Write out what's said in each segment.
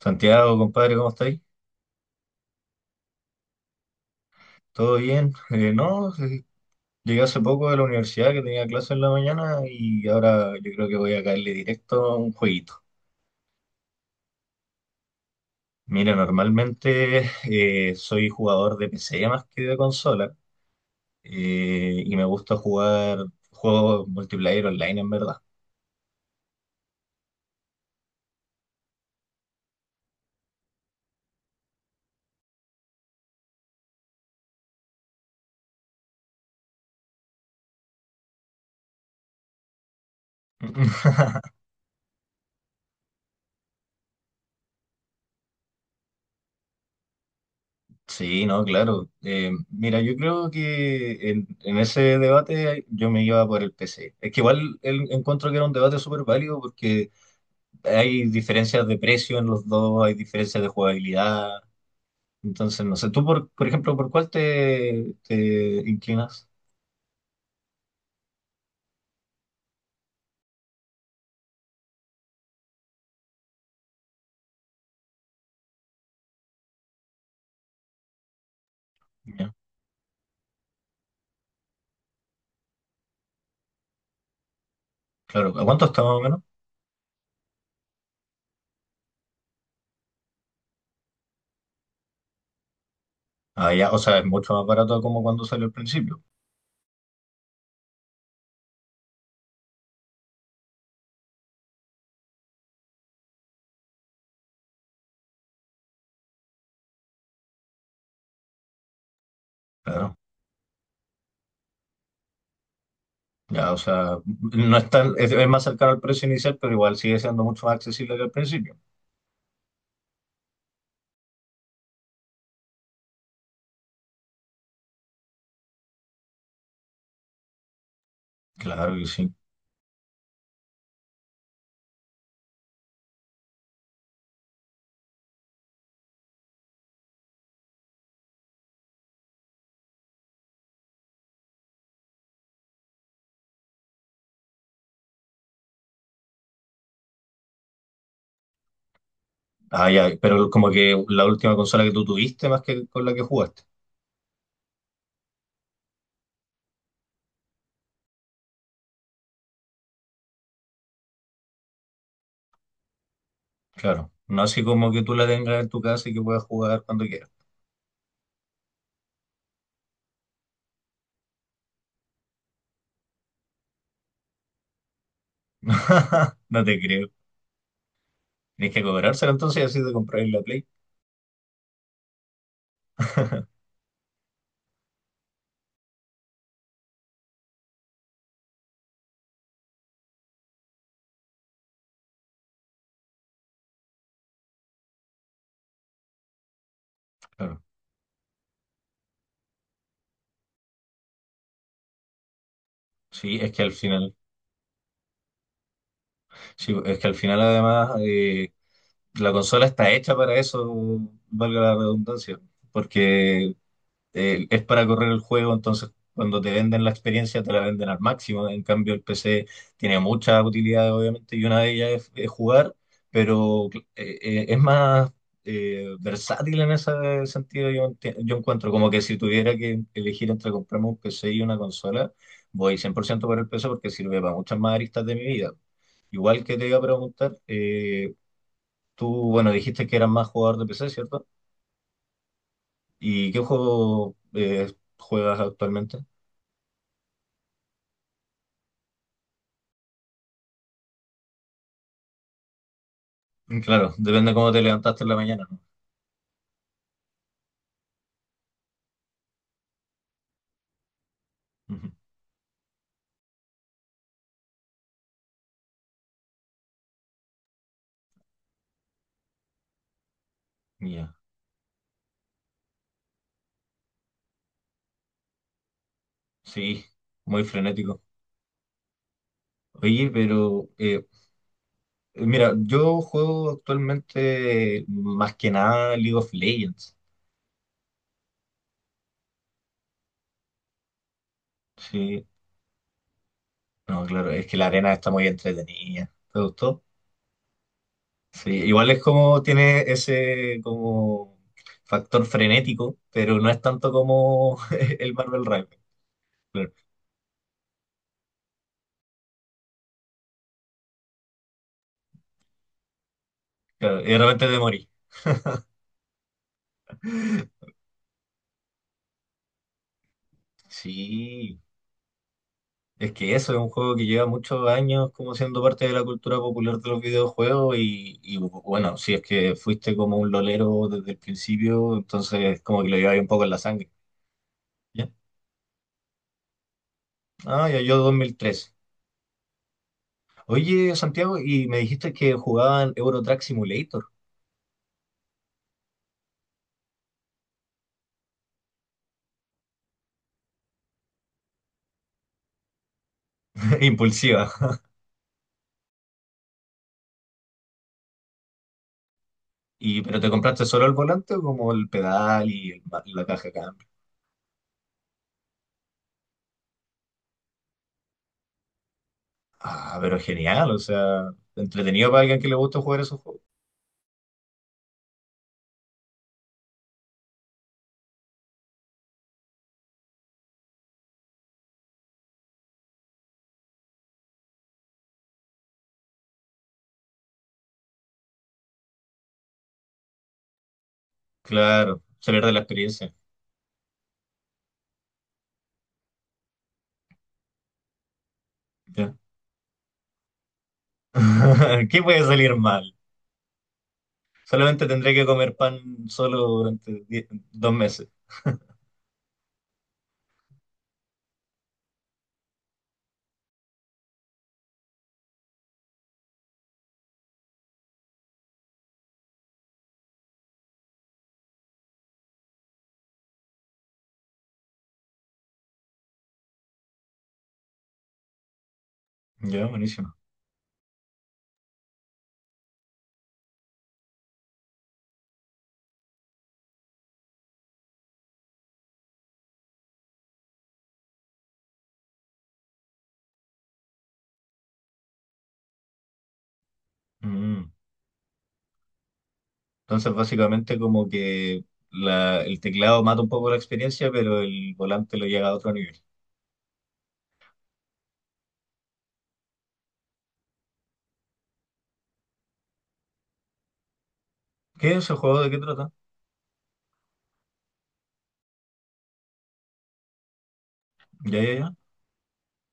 Santiago, compadre, ¿cómo estáis? ¿Todo bien? No, llegué hace poco de la universidad que tenía clase en la mañana y ahora yo creo que voy a caerle directo a un jueguito. Mira, normalmente soy jugador de PC más que de consola y me gusta jugar juegos multiplayer online en verdad. Sí, no, claro. Mira, yo creo que en ese debate yo me iba por el PC. Es que igual encuentro que era un debate súper válido porque hay diferencias de precio en los dos, hay diferencias de jugabilidad. Entonces, no sé, tú, por ejemplo, ¿por cuál te inclinas? Ya, claro, ¿a cuánto está más o menos? Ah, ya, o sea, es mucho más barato como cuando salió al principio. Claro, ya, o sea, no es tan- es más cercano al precio inicial, pero igual sigue siendo mucho más accesible que al principio. Claro que sí. Ah, ya, pero como que la última consola que tú tuviste más que con la que jugaste. Claro, no así como que tú la tengas en tu casa y que puedas jugar cuando quieras. No te creo. Tenéis que cobrárselo entonces y así te compráis la Play. Claro. Sí, es que al final, sí, es que al final además la consola está hecha para eso, valga la redundancia, porque es para correr el juego, entonces cuando te venden la experiencia te la venden al máximo. En cambio, el PC tiene muchas utilidades, obviamente, y una de ellas es jugar, pero es más versátil en ese sentido, yo, yo encuentro. Como que si tuviera que elegir entre comprarme un PC y una consola, voy 100% por ciento por el PC porque sirve para muchas más aristas de mi vida. Igual que te iba a preguntar, tú, bueno, dijiste que eras más jugador de PC, ¿cierto? ¿Y qué juego juegas actualmente? Claro, depende cómo te levantaste en la mañana, ¿no? Ujú. Ya, sí, muy frenético. Oye, pero mira, yo juego actualmente más que nada League of Legends. Sí, no, claro, es que la arena está muy entretenida. ¿Te gustó? Sí, igual es como tiene ese como factor frenético, pero no es tanto como el Marvel Rivals. Claro, claro, y de repente te morí. Sí, es que eso es un juego que lleva muchos años como siendo parte de la cultura popular de los videojuegos bueno, si es que fuiste como un lolero desde el principio, entonces como que lo llevabas un poco en la sangre. ¿Ya? Ah, ya yo 2003. Oye, Santiago, y me dijiste que jugaban Euro Truck Simulator, impulsiva. Y, ¿pero te compraste solo el volante o como el pedal y el la caja de cambio? Ah, pero genial, o sea, entretenido para alguien que le gusta jugar esos juegos. Claro, se pierde la experiencia. ¿Qué puede salir mal? Solamente tendré que comer pan solo durante dos meses. Ya, buenísimo. Mm. Entonces, básicamente, como que el teclado mata un poco la experiencia, pero el volante lo llega a otro nivel. ¿Qué es ese juego? ¿De qué trata? Ya, ya, ya.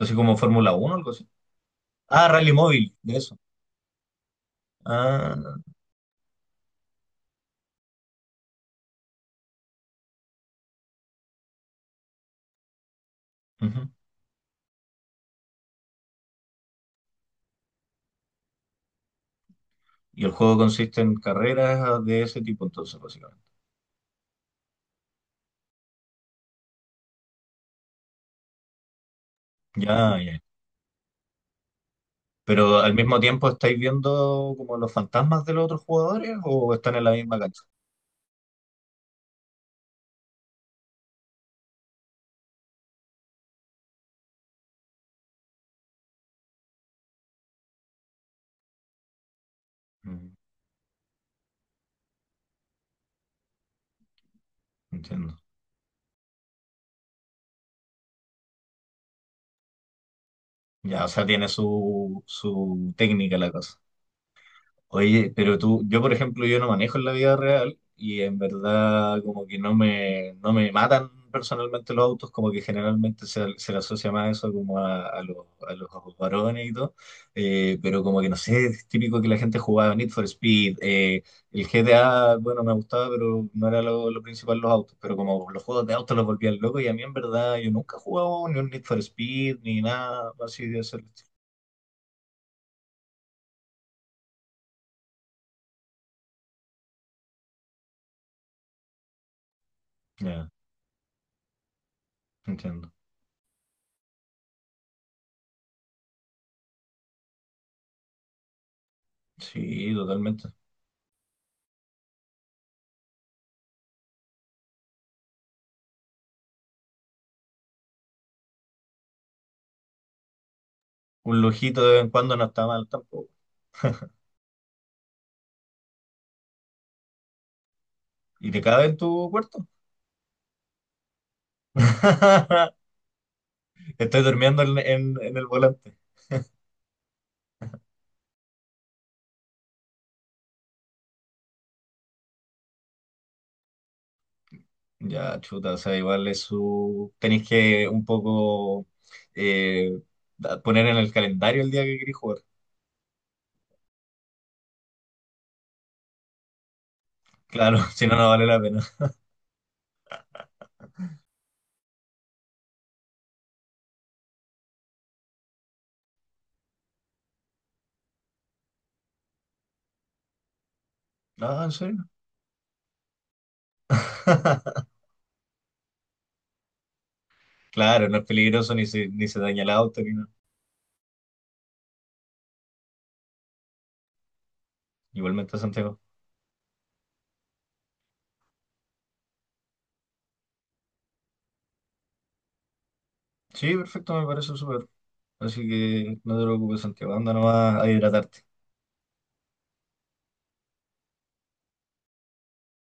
Así como Fórmula Uno, o algo así. Ah, Rally Móvil, de eso. Ah, ujú. Y el juego consiste en carreras de ese tipo, entonces, básicamente. Ya, ya. Pero al mismo tiempo estáis viendo como los fantasmas de los otros jugadores o están en la misma cancha. Mm, entiendo. Ya, o sea, tiene su técnica la cosa. Oye, pero tú, yo por ejemplo, yo no manejo en la vida real y en verdad como que no me matan personalmente los autos, como que generalmente se le asocia más eso como a, a los varones y todo, pero como que no sé, es típico que la gente jugaba Need for Speed, el GTA, bueno, me gustaba, pero no era lo principal los autos, pero como los juegos de autos los volvían locos y a mí en verdad yo nunca he jugado ni un Need for Speed ni nada así de ese estilo. Ya, entiendo. Sí, totalmente. Un lujito de vez en cuando no está mal tampoco. ¿Y te cabe en tu cuarto? Estoy durmiendo en, en el volante. Ya, chuta, o sea, igual es su... Tenéis que un poco eh, poner en el calendario el día que queréis jugar. Claro, si no, no vale la pena. No, en serio. Claro, no es peligroso ni se daña el auto ni nada. Igualmente, Santiago. Sí, perfecto, me parece súper. Así que no te preocupes, Santiago. Anda nomás a hidratarte.